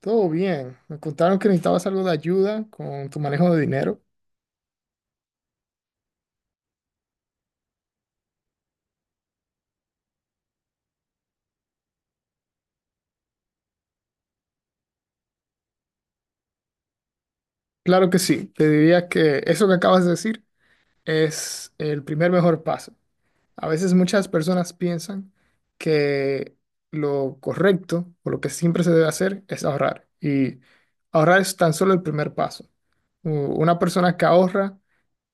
Todo bien. Me contaron que necesitabas algo de ayuda con tu manejo de dinero. Claro que sí. Te diría que eso que acabas de decir es el primer mejor paso. A veces muchas personas piensan que lo correcto o lo que siempre se debe hacer es ahorrar. Y ahorrar es tan solo el primer paso. Una persona que ahorra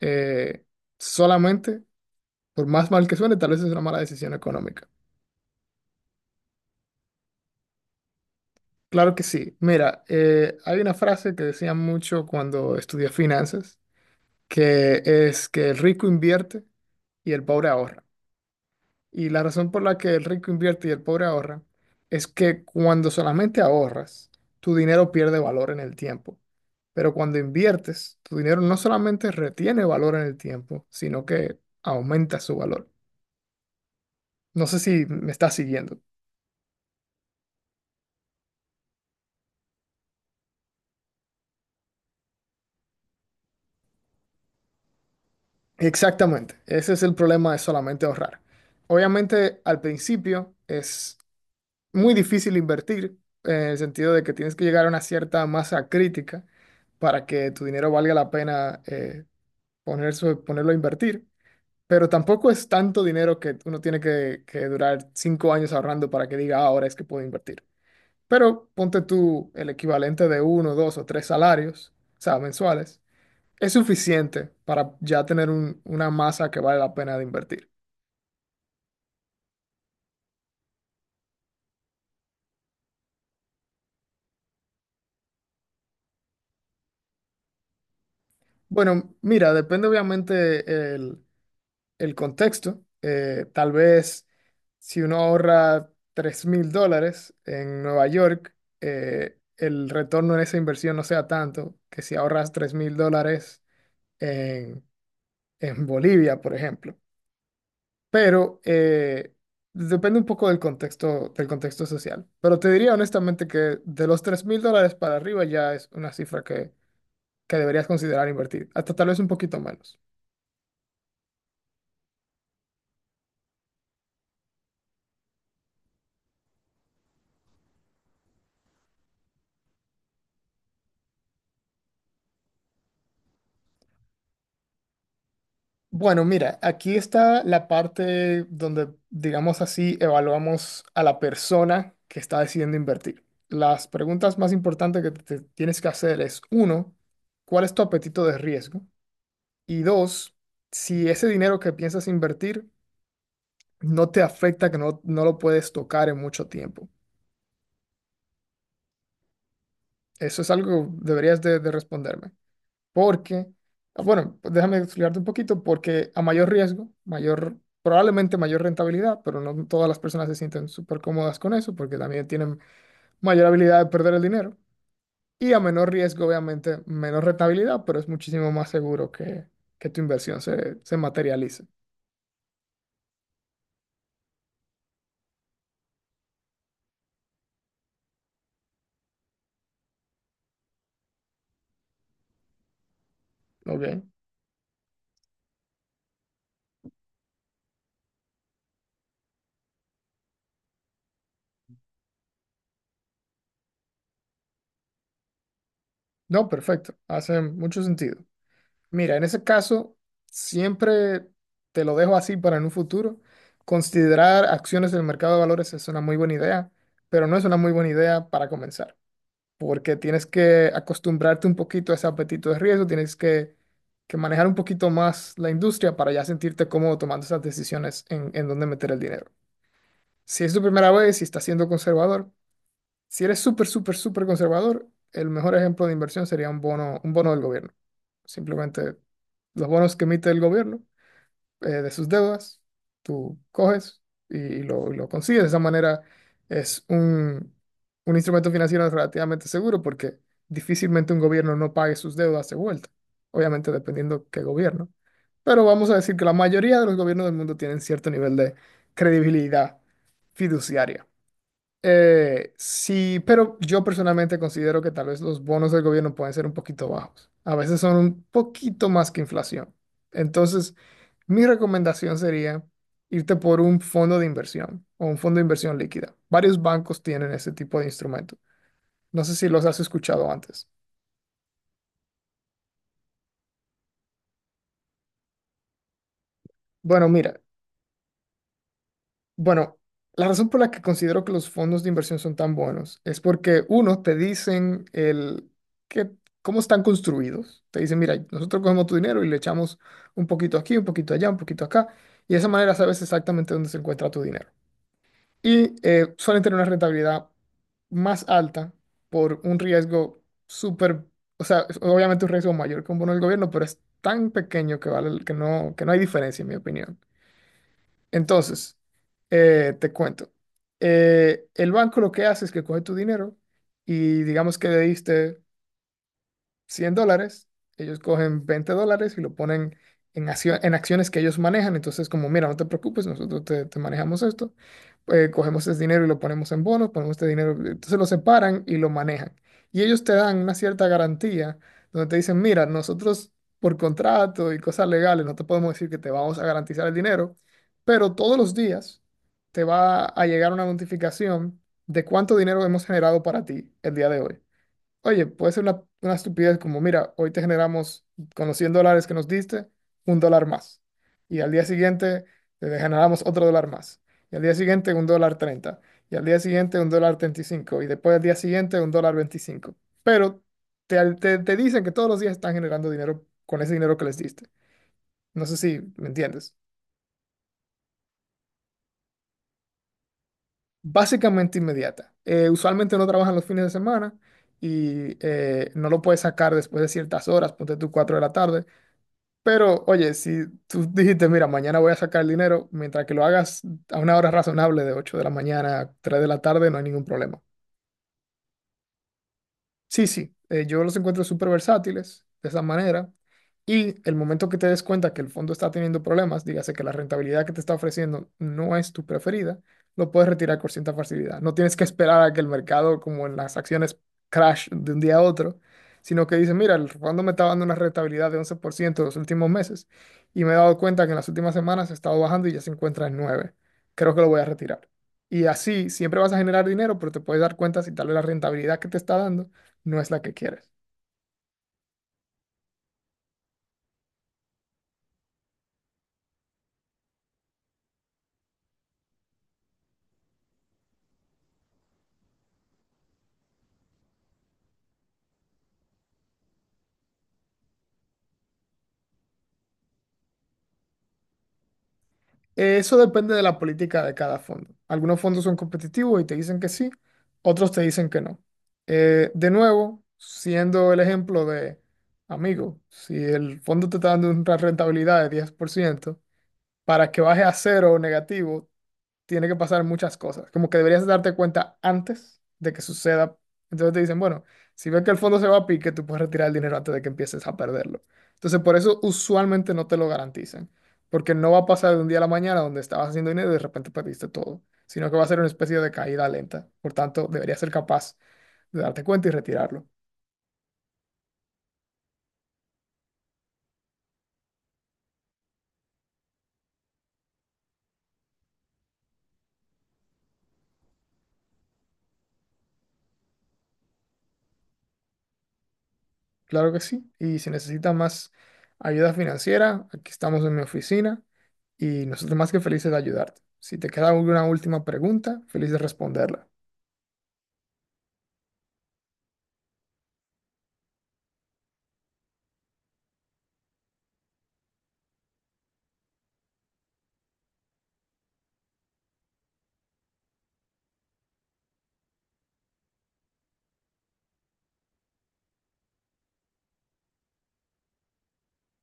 eh, solamente, por más mal que suene, tal vez es una mala decisión económica. Claro que sí. Mira, hay una frase que decía mucho cuando estudié finanzas, que es que el rico invierte y el pobre ahorra. Y la razón por la que el rico invierte y el pobre ahorra es que, cuando solamente ahorras, tu dinero pierde valor en el tiempo. Pero cuando inviertes, tu dinero no solamente retiene valor en el tiempo, sino que aumenta su valor. No sé si me estás siguiendo. Exactamente, ese es el problema de solamente ahorrar. Obviamente al principio es muy difícil invertir, en el sentido de que tienes que llegar a una cierta masa crítica para que tu dinero valga la pena ponerlo a invertir, pero tampoco es tanto dinero que uno tiene que durar 5 años ahorrando para que diga: "Ah, ahora es que puedo invertir". Pero ponte tú el equivalente de uno, dos o tres salarios, o sea, mensuales. Es suficiente para ya tener una masa que vale la pena de invertir. Bueno, mira, depende obviamente el contexto. Tal vez si uno ahorra $3,000 en Nueva York, el retorno en esa inversión no sea tanto que si ahorras $3,000 en, en Bolivia, por ejemplo. Pero depende un poco del contexto social. Pero te diría honestamente que de los $3,000 para arriba ya es una cifra que deberías considerar invertir, hasta tal vez un poquito menos. Bueno, mira, aquí está la parte donde, digamos así, evaluamos a la persona que está decidiendo invertir. Las preguntas más importantes que te tienes que hacer es, uno, ¿cuál es tu apetito de riesgo? Y dos, si ese dinero que piensas invertir no te afecta que no lo puedes tocar en mucho tiempo. Eso es algo que deberías de responderme. Porque, bueno, pues déjame explicarte un poquito, porque a mayor riesgo, mayor, probablemente mayor rentabilidad, pero no todas las personas se sienten súper cómodas con eso, porque también tienen mayor habilidad de perder el dinero. Y a menor riesgo, obviamente, menor rentabilidad, pero es muchísimo más seguro que tu inversión se materialice. ¿Ok? No, perfecto. Hace mucho sentido. Mira, en ese caso, siempre te lo dejo así para en un futuro. Considerar acciones del mercado de valores es una muy buena idea, pero no es una muy buena idea para comenzar, porque tienes que acostumbrarte un poquito a ese apetito de riesgo, tienes que manejar un poquito más la industria para ya sentirte cómodo tomando esas decisiones en, dónde meter el dinero. Si es tu primera vez y estás siendo conservador, si eres súper, súper, súper conservador, el mejor ejemplo de inversión sería un bono del gobierno. Simplemente los bonos que emite el gobierno, de sus deudas, tú coges y lo consigues. De esa manera es un instrumento financiero relativamente seguro, porque difícilmente un gobierno no pague sus deudas de vuelta. Obviamente dependiendo qué gobierno. Pero vamos a decir que la mayoría de los gobiernos del mundo tienen cierto nivel de credibilidad fiduciaria. Sí, pero yo personalmente considero que tal vez los bonos del gobierno pueden ser un poquito bajos. A veces son un poquito más que inflación. Entonces, mi recomendación sería irte por un fondo de inversión o un fondo de inversión líquida. Varios bancos tienen ese tipo de instrumento. No sé si los has escuchado antes. Bueno, mira. Bueno, la razón por la que considero que los fondos de inversión son tan buenos es porque, uno, te dicen que, cómo están construidos. Te dicen: mira, nosotros cogemos tu dinero y le echamos un poquito aquí, un poquito allá, un poquito acá. Y de esa manera sabes exactamente dónde se encuentra tu dinero. Y suelen tener una rentabilidad más alta por un riesgo súper, o sea, es obviamente un riesgo mayor que un bono del gobierno, pero es tan pequeño que vale, que no hay diferencia, en mi opinión. Entonces, te cuento. El banco lo que hace es que coge tu dinero y digamos que le diste $100, ellos cogen $20 y lo ponen en acciones que ellos manejan. Entonces, como, mira, no te preocupes, nosotros te manejamos esto, cogemos ese dinero y lo ponemos en bonos, ponemos este dinero, entonces lo separan y lo manejan. Y ellos te dan una cierta garantía donde te dicen: mira, nosotros por contrato y cosas legales no te podemos decir que te vamos a garantizar el dinero, pero todos los días te va a llegar una notificación de cuánto dinero hemos generado para ti el día de hoy. Oye, puede ser una estupidez como: mira, hoy te generamos, con los $100 que nos diste, un dólar más. Y al día siguiente te generamos otro dólar más. Y al día siguiente un dólar 30. Y al día siguiente un dólar 35. Y cinco. Y después al día siguiente un dólar 25. Pero te dicen que todos los días están generando dinero con ese dinero que les diste. No sé si me entiendes. Básicamente inmediata. Usualmente no trabajan los fines de semana y no lo puedes sacar después de ciertas horas, ponte tú 4 de la tarde. Pero, oye, si tú dijiste: mira, mañana voy a sacar el dinero, mientras que lo hagas a una hora razonable, de 8 de la mañana a 3 de la tarde, no hay ningún problema. Sí, sí, yo los encuentro súper versátiles de esa manera, y el momento que te des cuenta que el fondo está teniendo problemas, dígase que la rentabilidad que te está ofreciendo no es tu preferida, lo puedes retirar con cierta facilidad. No tienes que esperar a que el mercado, como en las acciones, crash de un día a otro, sino que dices: mira, el fondo me está dando una rentabilidad de 11% los últimos meses y me he dado cuenta que en las últimas semanas ha estado bajando y ya se encuentra en 9. Creo que lo voy a retirar. Y así siempre vas a generar dinero, pero te puedes dar cuenta si tal vez la rentabilidad que te está dando no es la que quieres. Eso depende de la política de cada fondo. Algunos fondos son competitivos y te dicen que sí, otros te dicen que no. De nuevo, siendo el ejemplo de, amigo, si el fondo te está dando una rentabilidad de 10%, para que baje a cero o negativo, tiene que pasar muchas cosas. Como que deberías darte cuenta antes de que suceda. Entonces te dicen: bueno, si ves que el fondo se va a pique, tú puedes retirar el dinero antes de que empieces a perderlo. Entonces, por eso usualmente no te lo garantizan, porque no va a pasar de un día a la mañana, donde estabas haciendo dinero y de repente perdiste todo, sino que va a ser una especie de caída lenta. Por tanto, deberías ser capaz de darte cuenta y retirarlo. Claro que sí. Y si necesitas más ayuda financiera, aquí estamos en mi oficina, y nosotros más que felices de ayudarte. Si te queda alguna última pregunta, feliz de responderla.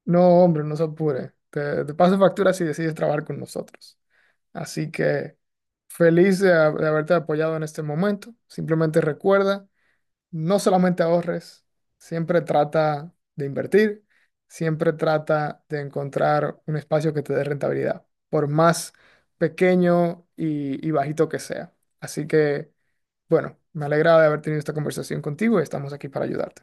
No, hombre, no se apure. Te paso factura si decides trabajar con nosotros. Así que feliz de haberte apoyado en este momento. Simplemente recuerda, no solamente ahorres, siempre trata de invertir, siempre trata de encontrar un espacio que te dé rentabilidad, por más pequeño y bajito que sea. Así que, bueno, me alegra de haber tenido esta conversación contigo, y estamos aquí para ayudarte.